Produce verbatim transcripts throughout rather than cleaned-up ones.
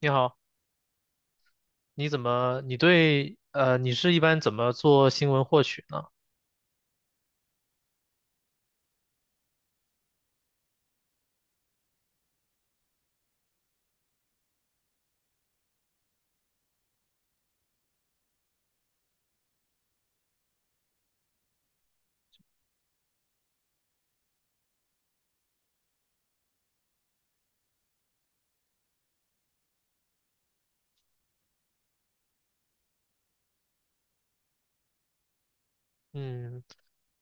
你好，你怎么，你对，呃，你是一般怎么做新闻获取呢？嗯，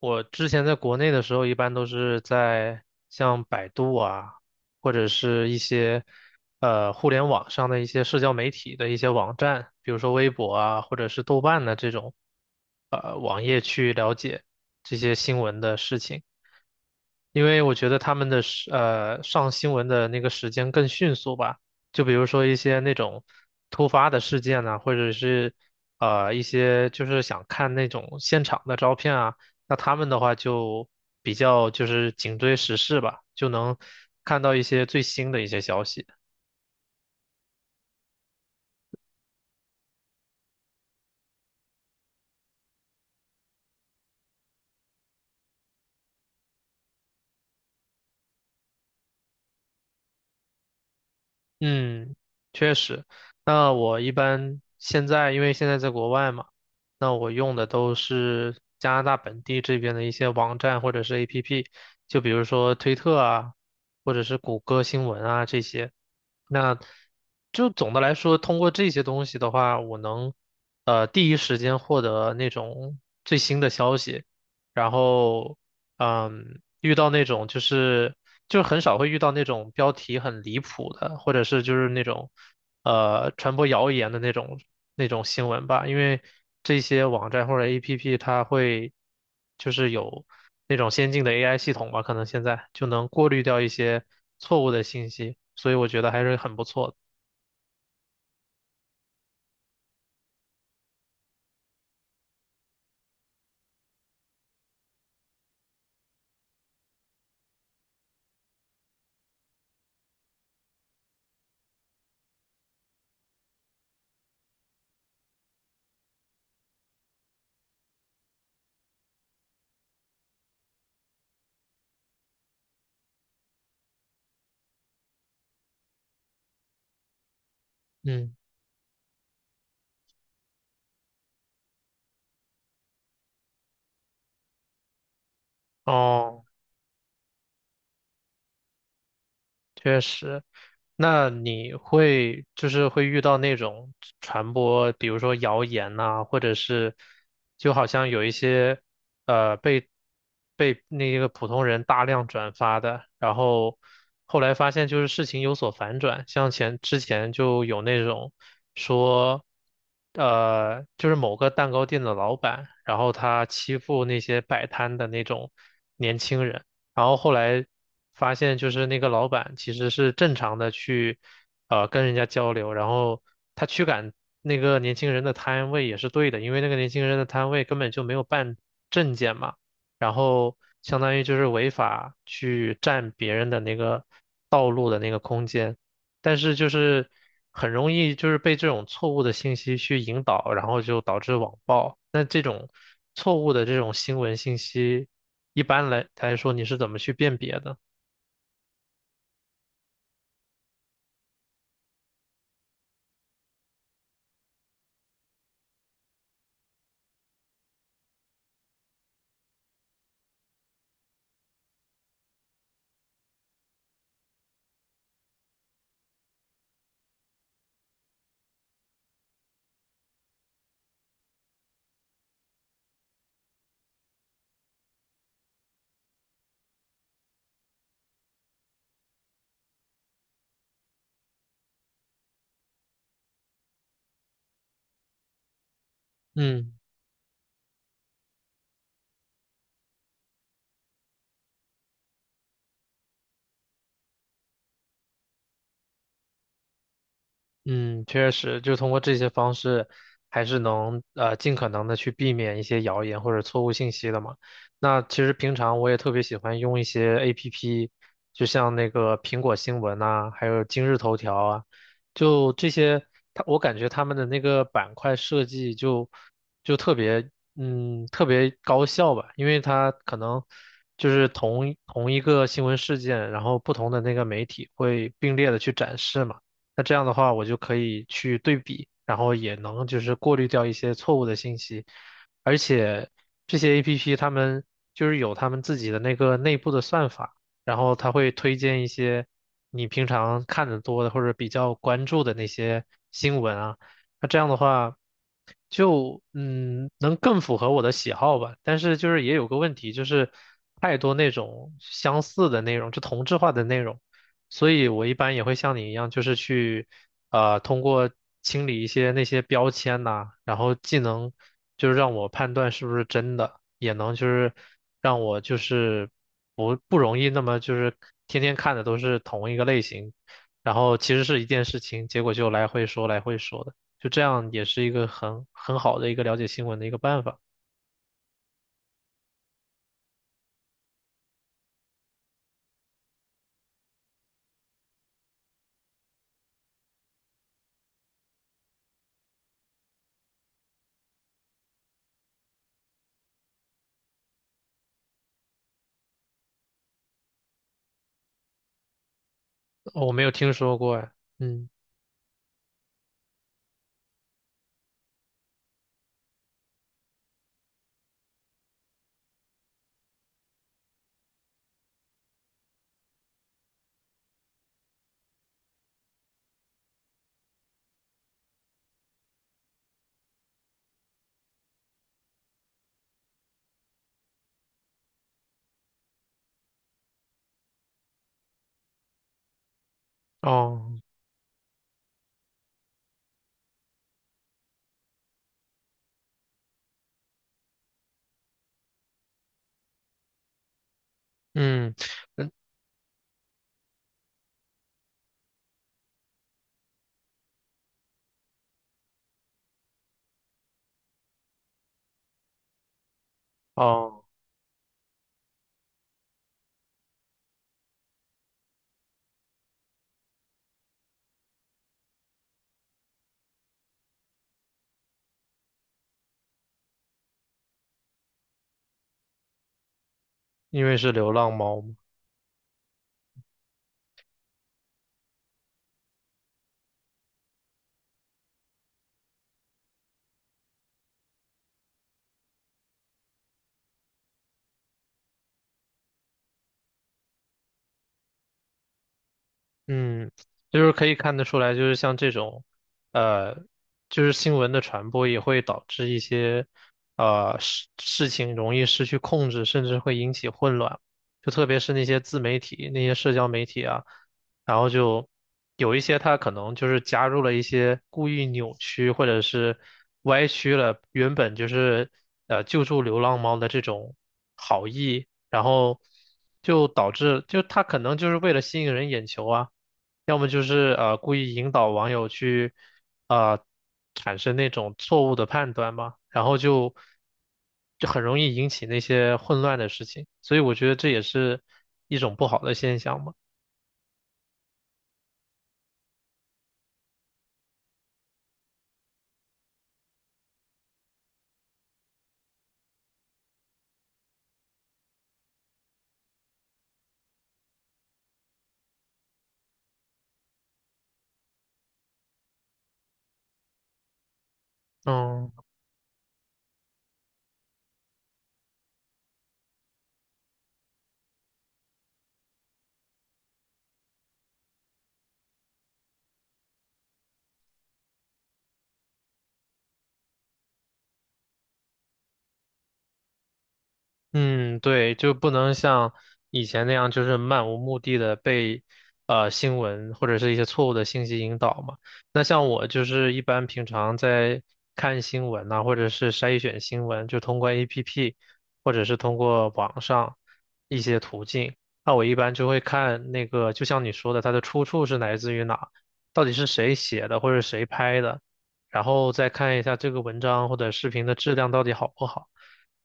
我之前在国内的时候，一般都是在像百度啊，或者是一些，呃，互联网上的一些社交媒体的一些网站，比如说微博啊，或者是豆瓣的这种，呃，网页去了解这些新闻的事情。因为我觉得他们的时呃上新闻的那个时间更迅速吧，就比如说一些那种突发的事件呐，或者是呃一些就是想看那种现场的照片啊，那他们的话就比较就是紧追时事吧，就能看到一些最新的一些消息。嗯，确实。那我一般现在因为现在在国外嘛，那我用的都是加拿大本地这边的一些网站或者是 A P P，就比如说推特啊，或者是谷歌新闻啊这些。那就总的来说，通过这些东西的话，我能呃第一时间获得那种最新的消息，然后嗯，遇到那种就是就很少会遇到那种标题很离谱的，或者是就是那种呃传播谣言的那种那种新闻吧，因为这些网站或者 A P P 它会就是有那种先进的 A I 系统吧，可能现在就能过滤掉一些错误的信息，所以我觉得还是很不错的。嗯，哦，确实。那你会就是会遇到那种传播，比如说谣言呐、或者是就好像有一些呃被被那个普通人大量转发的，然后后来发现就是事情有所反转，像前之前就有那种说呃就是某个蛋糕店的老板，然后他欺负那些摆摊的那种年轻人。然后后来发现，就是那个老板其实是正常的去，呃，跟人家交流，然后他驱赶那个年轻人的摊位也是对的，因为那个年轻人的摊位根本就没有办证件嘛，然后相当于就是违法去占别人的那个道路的那个空间。但是就是很容易就是被这种错误的信息去引导，然后就导致网暴。那这种错误的这种新闻信息，一般来来说你是怎么去辨别的？嗯。嗯，确实，就通过这些方式，还是能呃尽可能的去避免一些谣言或者错误信息的嘛。那其实平常我也特别喜欢用一些 A P P，就像那个苹果新闻呐、还有今日头条啊，就这些，它我感觉他们的那个板块设计就就特别嗯特别高效吧，因为它可能就是同同一个新闻事件，然后不同的那个媒体会并列的去展示嘛。那这样的话，我就可以去对比，然后也能就是过滤掉一些错误的信息，而且这些 A P P 他们就是有他们自己的那个内部的算法，然后它会推荐一些你平常看的多的或者比较关注的那些新闻啊，那这样的话就嗯能更符合我的喜好吧，但是就是也有个问题，就是太多那种相似的内容，就同质化的内容。所以我一般也会像你一样，就是去呃通过清理一些那些标签呐、然后既能就是让我判断是不是真的，也能就是让我就是不不容易那么就是天天看的都是同一个类型，然后其实是一件事情，结果就来回说来回说的，就这样也是一个很很好的一个了解新闻的一个办法。哦，我没有听说过哎。嗯。哦。嗯。嗯。哦，因为是流浪猫嘛。嗯，就是可以看得出来，就是像这种，呃，就是新闻的传播也会导致一些，呃，事事情容易失去控制，甚至会引起混乱。就特别是那些自媒体、那些社交媒体啊，然后就有一些它可能就是加入了一些故意扭曲或者是歪曲了原本就是呃救助流浪猫的这种好意，然后就导致就它可能就是为了吸引人眼球啊。要么就是呃故意引导网友去啊、呃、产生那种错误的判断嘛，然后就就很容易引起那些混乱的事情，所以我觉得这也是一种不好的现象嘛。嗯。嗯，对，就不能像以前那样，就是漫无目的的被呃新闻或者是一些错误的信息引导嘛。那像我就是一般平常在看新闻呐、或者是筛选新闻，就通过 A P P 或者是通过网上一些途径。那我一般就会看那个，就像你说的，它的出处是来自于哪，到底是谁写的或者谁拍的，然后再看一下这个文章或者视频的质量到底好不好。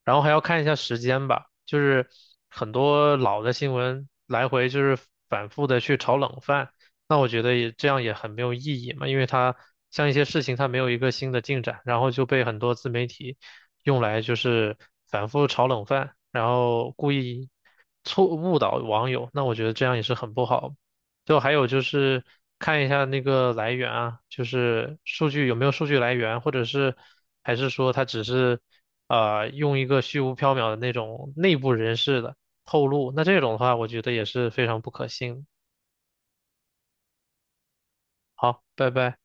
然后还要看一下时间吧，就是很多老的新闻来回就是反复的去炒冷饭，那我觉得也这样也很没有意义嘛，因为它像一些事情它没有一个新的进展，然后就被很多自媒体用来就是反复炒冷饭，然后故意错误导网友，那我觉得这样也是很不好。就还有就是看一下那个来源啊，就是数据有没有数据来源，或者是还是说它只是啊，用一个虚无缥缈的那种内部人士的透露，那这种的话，我觉得也是非常不可信。好，拜拜。